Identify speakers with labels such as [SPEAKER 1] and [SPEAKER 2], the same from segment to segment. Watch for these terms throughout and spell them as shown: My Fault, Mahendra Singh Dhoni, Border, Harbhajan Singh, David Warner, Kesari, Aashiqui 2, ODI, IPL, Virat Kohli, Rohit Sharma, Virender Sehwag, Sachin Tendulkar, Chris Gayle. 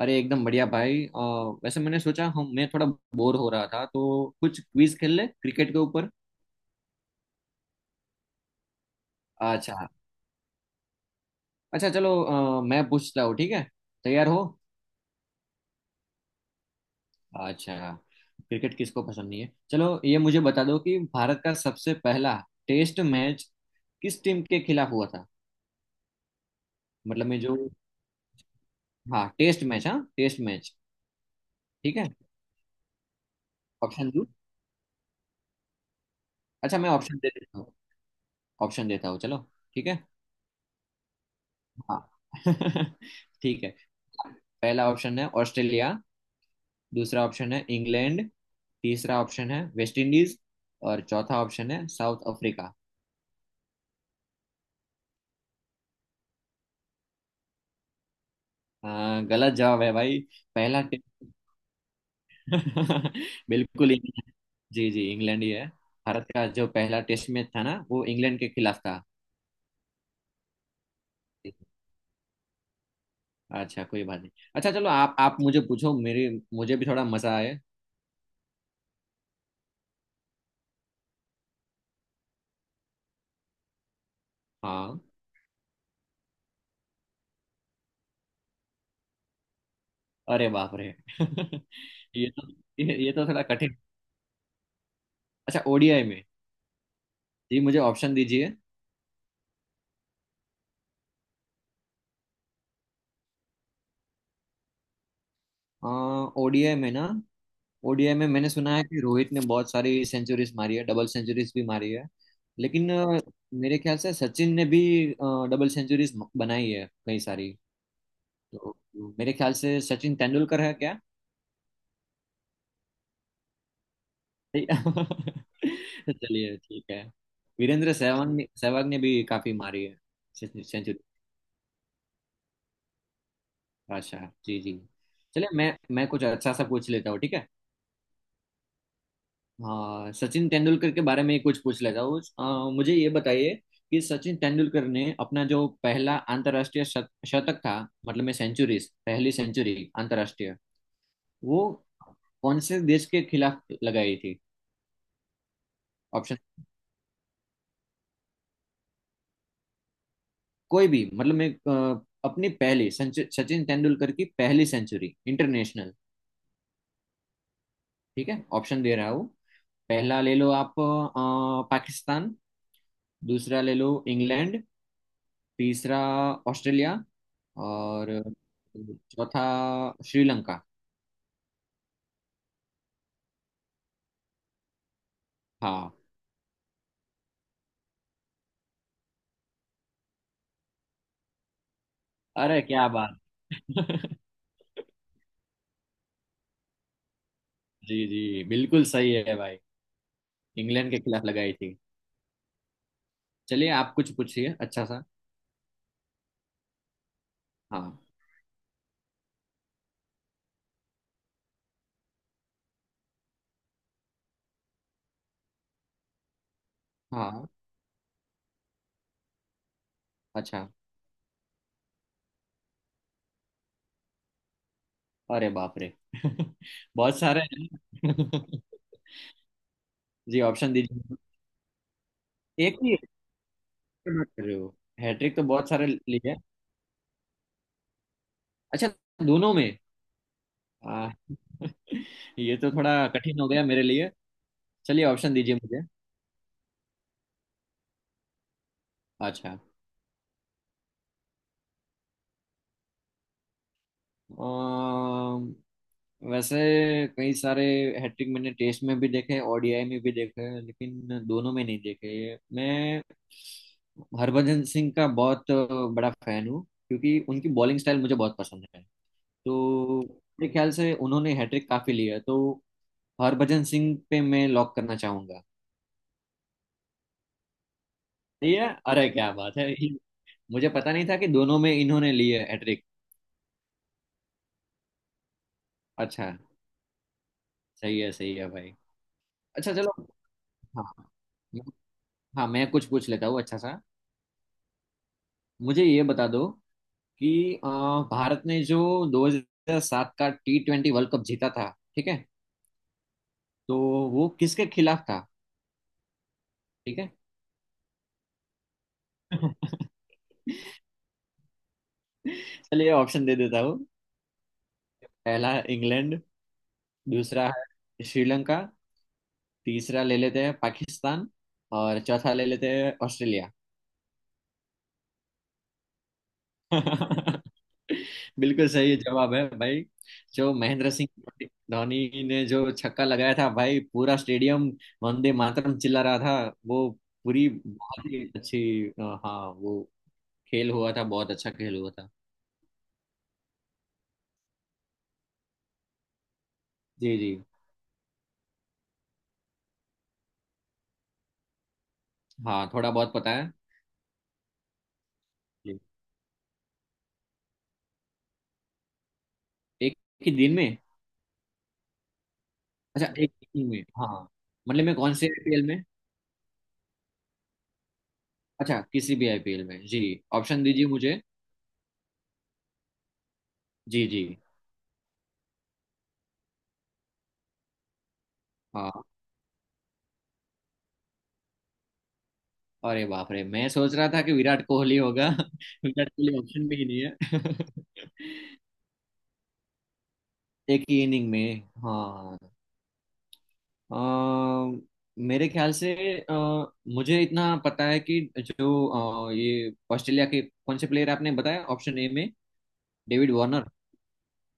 [SPEAKER 1] अरे एकदम बढ़िया भाई वैसे मैंने सोचा हम मैं थोड़ा बोर हो रहा था तो कुछ क्विज खेल ले क्रिकेट के ऊपर। अच्छा। अच्छा चलो, मैं पूछता हूँ, ठीक है? तैयार हो? अच्छा। क्रिकेट किसको पसंद नहीं है, चलो ये मुझे बता दो कि भारत का सबसे पहला टेस्ट मैच किस टीम के खिलाफ हुआ था? मतलब मैं जो, हाँ टेस्ट मैच, हाँ टेस्ट मैच। ठीक है। ऑप्शन दो। अच्छा, मैं ऑप्शन दे देता हूँ। ऑप्शन देता हूँ, चलो। ठीक है। हाँ। ठीक है। पहला ऑप्शन है ऑस्ट्रेलिया, दूसरा ऑप्शन है इंग्लैंड, तीसरा ऑप्शन है वेस्ट इंडीज, और चौथा ऑप्शन है साउथ अफ्रीका। हाँ, गलत जवाब है भाई। पहला टेस्ट बिल्कुल ही नहीं है। जी जी, इंग्लैंड ही है। भारत का जो पहला टेस्ट मैच था ना, वो इंग्लैंड के खिलाफ था। अच्छा, कोई बात नहीं। अच्छा चलो, आप मुझे पूछो, मेरे मुझे भी थोड़ा मजा आए। हाँ। अरे बाप रे! ये तो, ये तो थोड़ा कठिन। अच्छा ओडीआई में। जी, मुझे ऑप्शन दीजिए। हाँ, ओडीआई में ना, ओडीआई में मैंने सुना है कि रोहित ने बहुत सारी सेंचुरीज मारी है, डबल सेंचुरीज भी मारी है। लेकिन मेरे ख्याल से सचिन ने भी डबल सेंचुरीज बनाई है कई सारी। तो मेरे ख्याल से सचिन तेंदुलकर है क्या? चलिए ठीक है। वीरेंद्र सहवाग ने भी काफी मारी है सेंचुरी। बादशाह, जी जी। चलिए, मैं कुछ अच्छा सा पूछ लेता हूँ, ठीक है? हाँ, सचिन तेंदुलकर के बारे में ही कुछ पूछ लेता हूँ, मुझे ये बताइए कि सचिन तेंदुलकर ने अपना जो पहला अंतर्राष्ट्रीय शतक था, मतलब में सेंचुरीज, पहली सेंचुरी अंतर्राष्ट्रीय, वो कौन से देश के खिलाफ लगाई थी? ऑप्शन कोई भी, मतलब मैं, अपनी पहली सचिन तेंदुलकर की पहली सेंचुरी इंटरनेशनल। ठीक है, ऑप्शन दे रहा हूँ। पहला ले लो आप, पाकिस्तान। दूसरा ले लो, इंग्लैंड। तीसरा ऑस्ट्रेलिया, और चौथा श्रीलंका। हाँ, अरे क्या बात! जी जी, बिल्कुल सही है भाई, इंग्लैंड के खिलाफ लगाई थी। चलिए आप कुछ पूछिए अच्छा सा। हाँ। हाँ। अच्छा। अरे बाप रे! बहुत सारे हैं। जी, ऑप्शन दीजिए। एक ही है, मत कर रहे हो? हैट्रिक तो बहुत सारे लिए। अच्छा, दोनों में। आ, ये तो थोड़ा कठिन हो गया मेरे लिए। चलिए ऑप्शन दीजिए मुझे। अच्छा। अम, वैसे कई सारे हैट्रिक मैंने टेस्ट में भी देखे, ओडीआई में भी देखे, लेकिन दोनों में नहीं देखे। मैं हरभजन सिंह का बहुत बड़ा फैन हूँ क्योंकि उनकी बॉलिंग स्टाइल मुझे बहुत पसंद है। तो मेरे ख्याल से उन्होंने हैट्रिक काफी लिया है, तो हरभजन सिंह पे मैं लॉक करना चाहूंगा। ये, अरे क्या बात है! मुझे पता नहीं था कि दोनों में इन्होंने लिए हैट्रिक। अच्छा। सही है, सही है भाई। अच्छा चलो। हाँ। हाँ, मैं कुछ पूछ लेता हूँ अच्छा सा। मुझे ये बता दो कि भारत ने जो 2007 का T20 वर्ल्ड कप जीता था, ठीक है? तो वो किसके खिलाफ था? ठीक है। चलिए ऑप्शन दे देता हूँ। पहला इंग्लैंड, दूसरा है श्रीलंका, तीसरा ले लेते हैं पाकिस्तान, और चौथा ले लेते हैं ऑस्ट्रेलिया। बिल्कुल सही जवाब है भाई। जो महेंद्र सिंह धोनी ने जो छक्का लगाया था भाई, पूरा स्टेडियम वंदे मातरम चिल्ला रहा था वो। पूरी बहुत ही अच्छी, हाँ वो खेल हुआ था, बहुत अच्छा खेल हुआ था। जी जी। हाँ थोड़ा बहुत पता है। जी। एक ही दिन में। अच्छा एक ही दिन में, हाँ। मतलब मैं कौन से आईपीएल में? अच्छा, किसी भी आईपीएल में, जी। ऑप्शन दीजिए मुझे। जी जी। हाँ। अरे बाप रे, मैं सोच रहा था कि विराट कोहली होगा। विराट कोहली ऑप्शन भी नहीं है। एक ही इनिंग में, हाँ। अ, मेरे ख्याल से, अ, मुझे इतना पता है कि जो, ये ऑस्ट्रेलिया के कौन से प्लेयर आपने बताया ऑप्शन ए में? David Warner.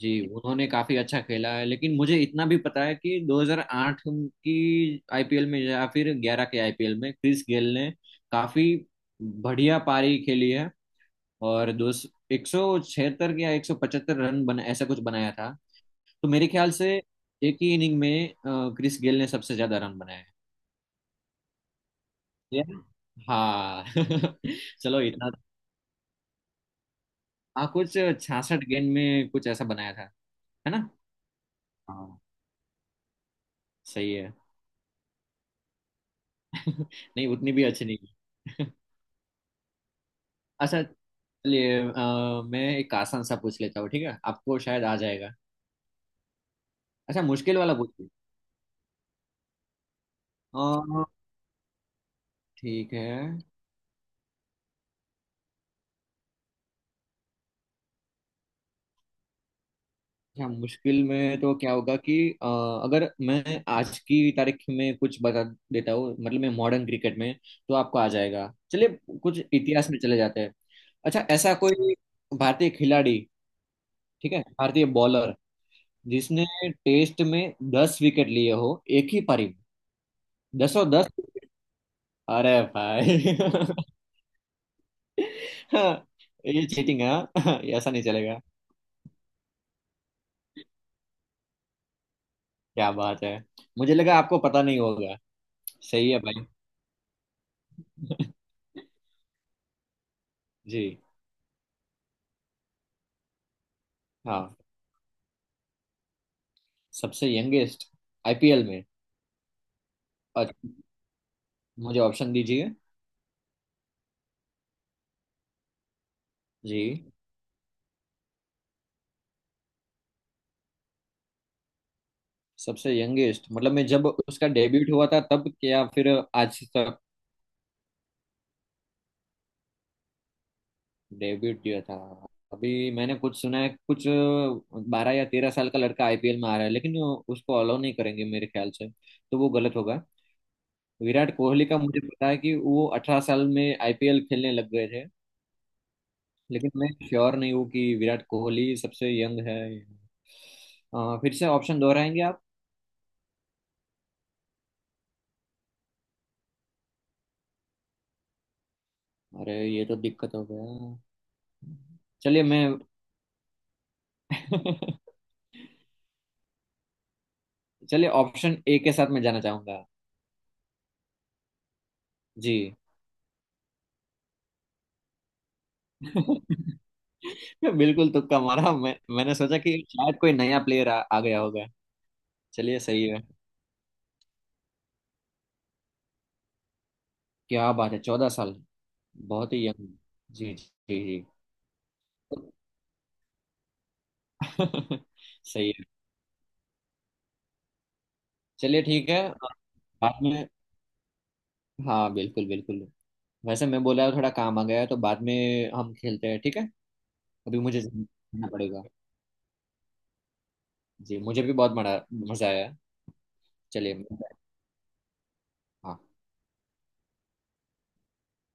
[SPEAKER 1] जी। उन्होंने काफी अच्छा खेला है, लेकिन मुझे इतना भी पता है कि 2008 की आईपीएल में या फिर 11 के आईपीएल में क्रिस गेल ने काफी बढ़िया पारी खेली है। और दो, 176 या 175 रन बना, ऐसा कुछ बनाया था। तो मेरे ख्याल से एक ही इनिंग में क्रिस गेल ने सबसे ज्यादा रन बनाए हैं। Yeah. हाँ। चलो इतना, हाँ कुछ 66 गेंद में कुछ ऐसा बनाया था, है ना? हाँ। सही है। नहीं उतनी भी अच्छी नहीं। अच्छा चलिए, मैं एक आसान सा पूछ लेता हूँ, ठीक है, आपको शायद आ जाएगा। अच्छा, मुश्किल वाला पूछिए। अ, ठीक है। हाँ, मुश्किल में तो क्या होगा कि अ, अगर मैं आज की तारीख में कुछ बता देता हूँ, मतलब मैं मॉडर्न क्रिकेट में, तो आपको आ जाएगा। चलिए कुछ इतिहास में चले जाते हैं। अच्छा, ऐसा कोई भारतीय खिलाड़ी, ठीक है, भारतीय बॉलर जिसने टेस्ट में 10 विकेट लिए हो एक ही पारी में, दसों दस? अरे भाई! हाँ, ये चीटिंग है, हाँ। ये ऐसा नहीं चलेगा। क्या बात है, मुझे लगा आपको पता नहीं होगा। सही है भाई। जी। हाँ। सबसे यंगेस्ट। आईपीएल में। अच्छा, मुझे ऑप्शन दीजिए। जी। सबसे यंगेस्ट मतलब, मैं जब उसका डेब्यूट हुआ था तब, क्या फिर आज तक? डेब्यूट किया था। अभी मैंने कुछ सुना है, कुछ 12 या 13 साल का लड़का आईपीएल में आ रहा है, लेकिन उसको अलाउ नहीं करेंगे मेरे ख्याल से, तो वो गलत होगा। विराट कोहली का मुझे पता है कि वो 18 साल में आईपीएल खेलने लग गए थे। लेकिन मैं श्योर नहीं हूँ कि विराट कोहली सबसे यंग है। फिर से ऑप्शन दोहराएंगे? अरे ये तो दिक्कत हो गया। चलिए मैं, चलिए ऑप्शन ए के साथ मैं जाना चाहूंगा। जी। मैं बिल्कुल तुक्का मारा, मैंने सोचा कि शायद कोई नया प्लेयर आ गया होगा। चलिए सही है। क्या बात है, 14 साल! बहुत ही यंग। जी जी जी। सही है। चलिए ठीक है, बाद में। हाँ बिल्कुल, बिल्कुल। वैसे मैं बोला, थोड़ा काम आ गया है, तो बाद में हम खेलते हैं ठीक है? अभी मुझे जाना पड़ेगा। जी, मुझे भी बहुत मजा, मजा आया। चलिए मिल जाएगा। हाँ।